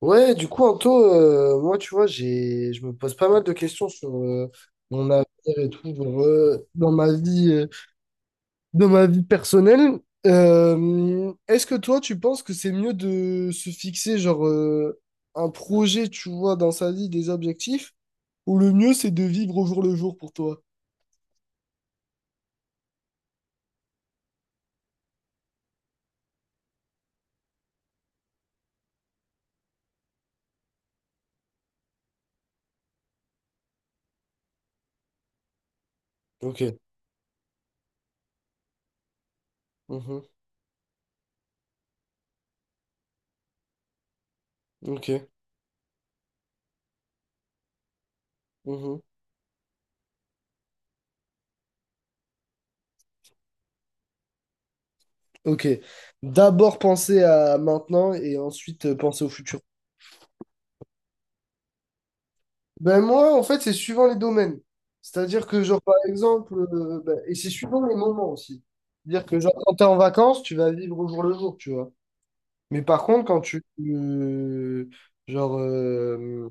Ouais, du coup, Anto, moi, tu vois, je me pose pas mal de questions sur mon avenir et tout, genre, dans ma vie personnelle. Est-ce que toi, tu penses que c'est mieux de se fixer, genre, un projet, tu vois, dans sa vie, des objectifs, ou le mieux, c'est de vivre au jour le jour pour toi? Ok, mhm, ok, mhm. Ok. D'abord penser à maintenant et ensuite penser au futur. Ben moi, en fait, c'est suivant les domaines. C'est-à-dire que, genre, par exemple, ben, et c'est suivant les moments aussi. C'est-à-dire que, genre, quand t'es en vacances, tu vas vivre au jour le jour, tu vois. Mais par contre, genre, euh,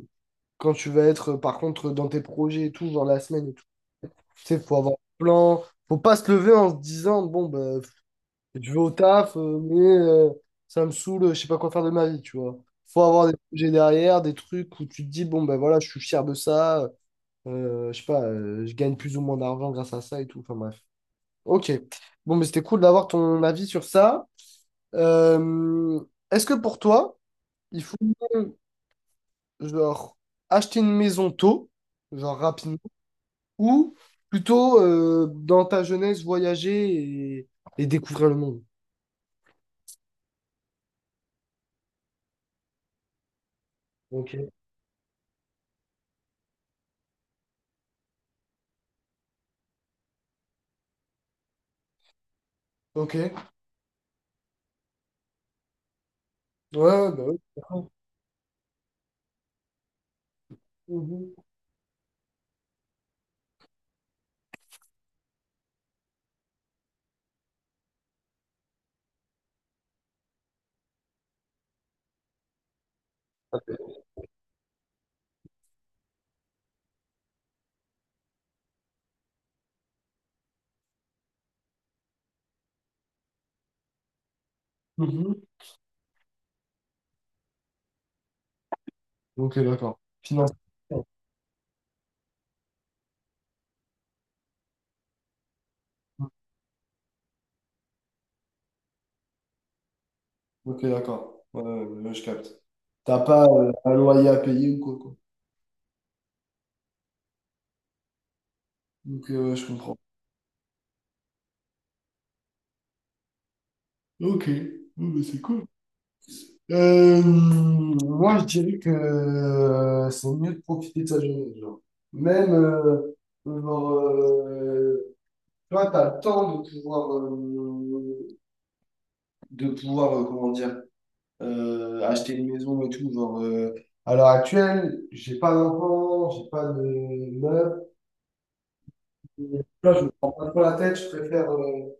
quand tu vas être, par contre, dans tes projets et tout, genre la semaine et tout, tu sais, faut avoir un plan. Faut pas se lever en se disant, bon, ben, je vais au taf, mais ça me saoule, je sais pas quoi faire de ma vie, tu vois. Faut avoir des projets derrière, des trucs où tu te dis, bon, ben voilà, je suis fier de ça. Je sais pas, je gagne plus ou moins d'argent grâce à ça et tout. Enfin bref. Ok. Bon, mais c'était cool d'avoir ton avis sur ça. Euh, est-ce que pour toi, il faut genre acheter une maison tôt, genre rapidement, ou plutôt dans ta jeunesse voyager et découvrir le monde? Ok. Ok. Ouais, bah oui. D'accord. Mhm. Mhm. Ok, d'accord. Finance. Ok, d'accord. Ouais, ouais, ouais, je capte. T'as pas un loyer à payer ou quoi, quoi. Donc, je comprends. Ok. Oh, bah, c'est cool. Moi, je dirais que c'est mieux de profiter de sa jeunesse. Genre. Même, genre, toi, tu le temps de pouvoir, comment dire, acheter une maison et tout. Genre, à l'heure actuelle, j'ai pas d'enfant, j'ai pas de meuf. Là, je me prends pas trop la tête, je préfère,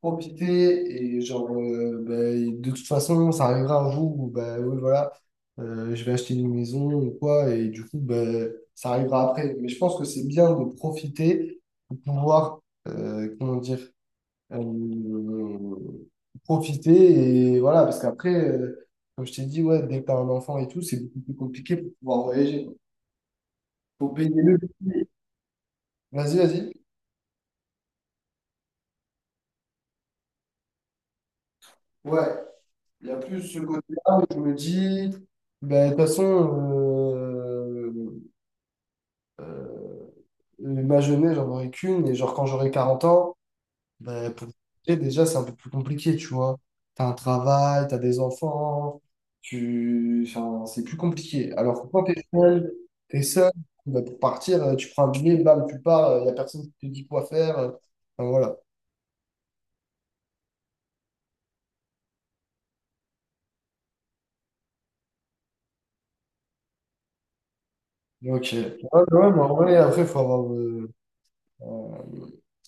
profiter et genre ben, de toute façon ça arrivera un jour où ben oui voilà, je vais acheter une maison ou quoi et du coup ben ça arrivera après, mais je pense que c'est bien de profiter pour pouvoir, comment dire, euh, profiter et voilà parce qu'après, comme je t'ai dit ouais dès que t'as un enfant et tout c'est beaucoup plus compliqué pour pouvoir voyager, faut payer le billet. Vas-y, vas-y. Ouais. Il y a plus ce côté-là où je me dis, ben, de toute façon, euh, euh, ma jeunesse, j'en aurai qu'une. Et genre, quand j'aurai 40 ans, ben, pour et déjà, c'est un peu plus compliqué, tu vois. T'as un travail, t'as des enfants, tu... enfin, c'est plus compliqué. Alors que quand t'es seul, t'es seul, ben, pour partir, tu prends un billet, bam, tu pars, il n'y a personne qui te dit quoi faire. Enfin, voilà. Ok. Ouais, ouais, mais en vrai, après, faut avoir. Euh,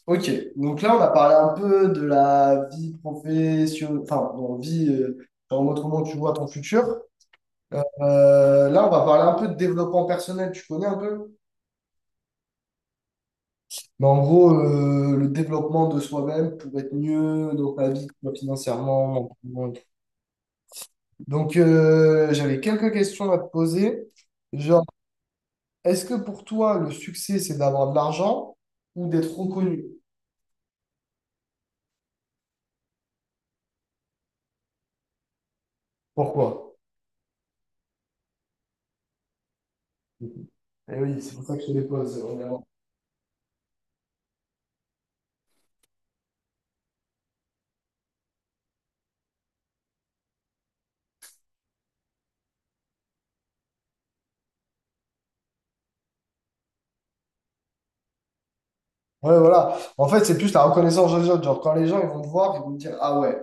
ok, donc là on a parlé un peu de la vie professionnelle, enfin, bon, en mode comment tu vois ton futur. Là on va parler un peu de développement personnel, tu connais un peu? Mais en gros, le développement de soi-même pour être mieux dans ta vie, que ce soit financièrement, mentalement et tout. Donc j'avais quelques questions à te poser. Genre, est-ce que pour toi le succès c'est d'avoir de l'argent ou d'être reconnu? Pourquoi? Eh oui, c'est pour ça que je te les pose. Ouais, voilà. En fait, c'est plus la reconnaissance des autres. Genre, quand les gens ils vont te voir, ils vont te dire, ah ouais,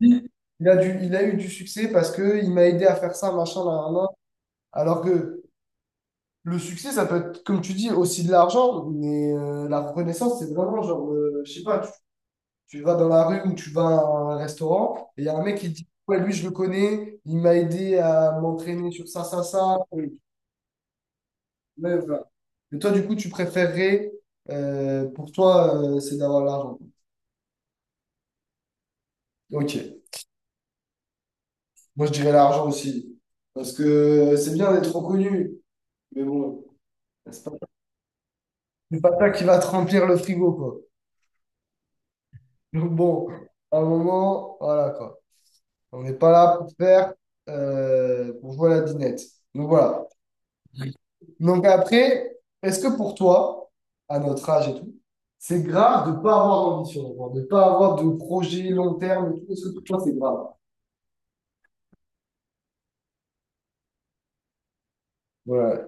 lui, il a eu du succès parce que il m'a aidé à faire ça, machin, là, là, là. Alors que le succès, ça peut être, comme tu dis, aussi de l'argent, mais la reconnaissance, c'est vraiment genre, je sais pas, tu vas dans la rue ou tu vas à un restaurant et il y a un mec qui te dit, ouais, lui, je le connais, il m'a aidé à m'entraîner sur ça, ça, ça. Oui. Ouais, voilà. Et toi, du coup, tu préférerais, pour toi, c'est d'avoir l'argent. Ok. Moi, je dirais l'argent aussi. Parce que c'est bien d'être reconnu, mais bon, c'est pas, c'est pas ça qui va te remplir le frigo, quoi. Donc bon, à un moment, voilà, quoi. On n'est pas là pour jouer à la dinette. Donc voilà. Donc après, est-ce que pour toi, à notre âge et tout, c'est grave de ne pas avoir d'ambition, genre de ne pas avoir de projet long terme et tout? Est-ce que pour toi, c'est grave? Ouais.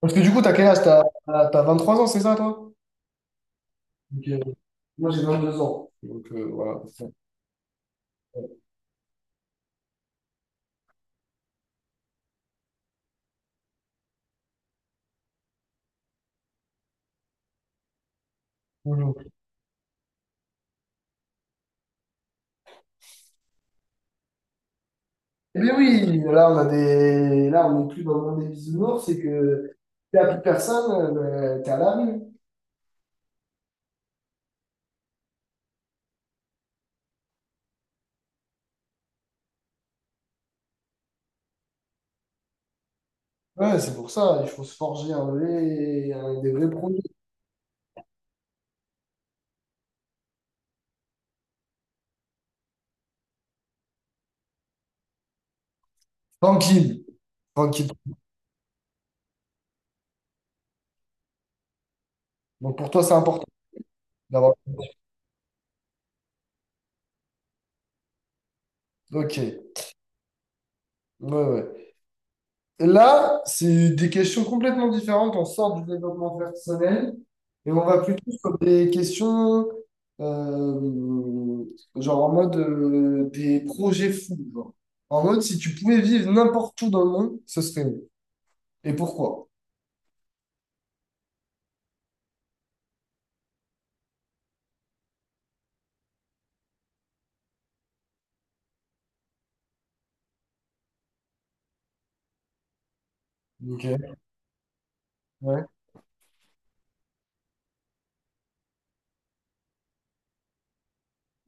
Parce que du coup, t'as quel âge? T'as 23 ans, c'est ça, toi? Ok. Moi, j'ai 22 ans. Donc, voilà. Bonjour. Eh bien oui, là, là, on n'est plus dans le monde des bisounours, c'est que t'es à plus personne, t'es à la rue. Ouais, c'est pour ça, il faut se forger des vrais produits. Tranquille, tranquille. Donc, pour toi, c'est important d'avoir... Ok, ouais, ouais. Là, c'est des questions complètement différentes. On sort du développement personnel et on va plutôt sur des questions euh, genre en mode des projets fous. Genre. En mode, si tu pouvais vivre n'importe où dans le monde, ce serait où? Et pourquoi? Ok. Ouais.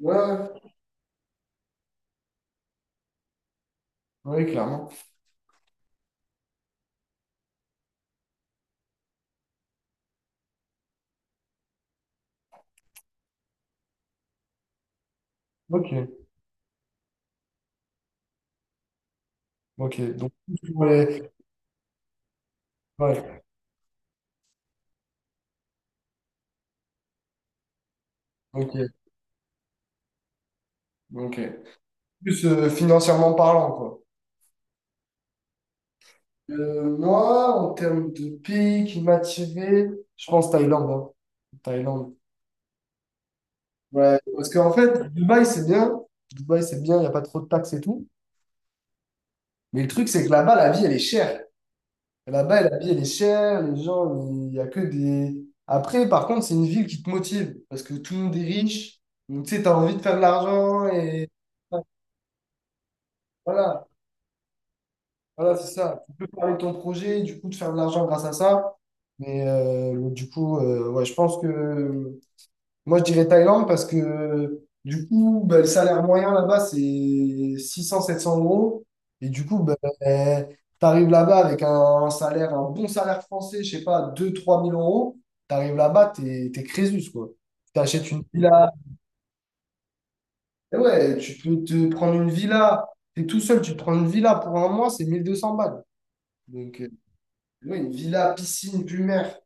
Ouais, ouais, ouais, clairement. Ok. Ok. Donc, plus pour les- ouais. Ok. Ok. Plus financièrement parlant, quoi. Moi, en termes de pays qui m'attirait, je pense Thaïlande. Hein. Thaïlande. Ouais, parce qu'en fait, Dubaï, c'est bien. Dubaï, c'est bien, il n'y a pas trop de taxes et tout. Mais le truc, c'est que là-bas, la vie, elle est chère. Là-bas, la vie, elle est chère. Les gens, il n'y a que des... Après, par contre, c'est une ville qui te motive parce que tout le monde est riche. Donc, tu sais, tu as envie de faire de l'argent et... Voilà, voilà, c'est ça. Tu peux parler de ton projet, du coup, de faire de l'argent grâce à ça. Mais du coup, ouais, je pense que... Moi, je dirais Thaïlande parce que du coup, ben, le salaire moyen là-bas, c'est 600 700 euros. Et du coup, ben, tu arrives là-bas avec un bon salaire français, je sais pas, deux trois mille euros. Tu arrives là-bas, t'es Crésus, quoi. Tu t'achètes une villa. Et ouais, tu peux te prendre une villa. T'es tout seul, tu te prends une villa pour un mois, c'est 1200 balles. Donc, ouais, une villa, piscine, plus mer.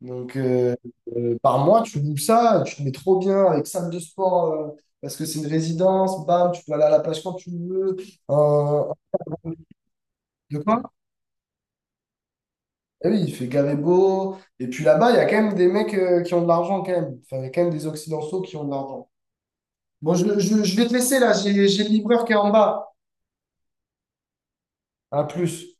Donc, par mois, tu loues ça, tu te mets trop bien avec salle de sport, parce que c'est une résidence, bam, tu peux aller à la plage quand tu veux. Euh, de quoi? Eh oui, il fait gavé beau. Et puis là-bas, il y a quand même des mecs, qui ont de l'argent quand même. Enfin, il y a quand même des Occidentaux qui ont de l'argent. Bon, je vais te laisser là, j'ai le livreur qui est en bas. À plus.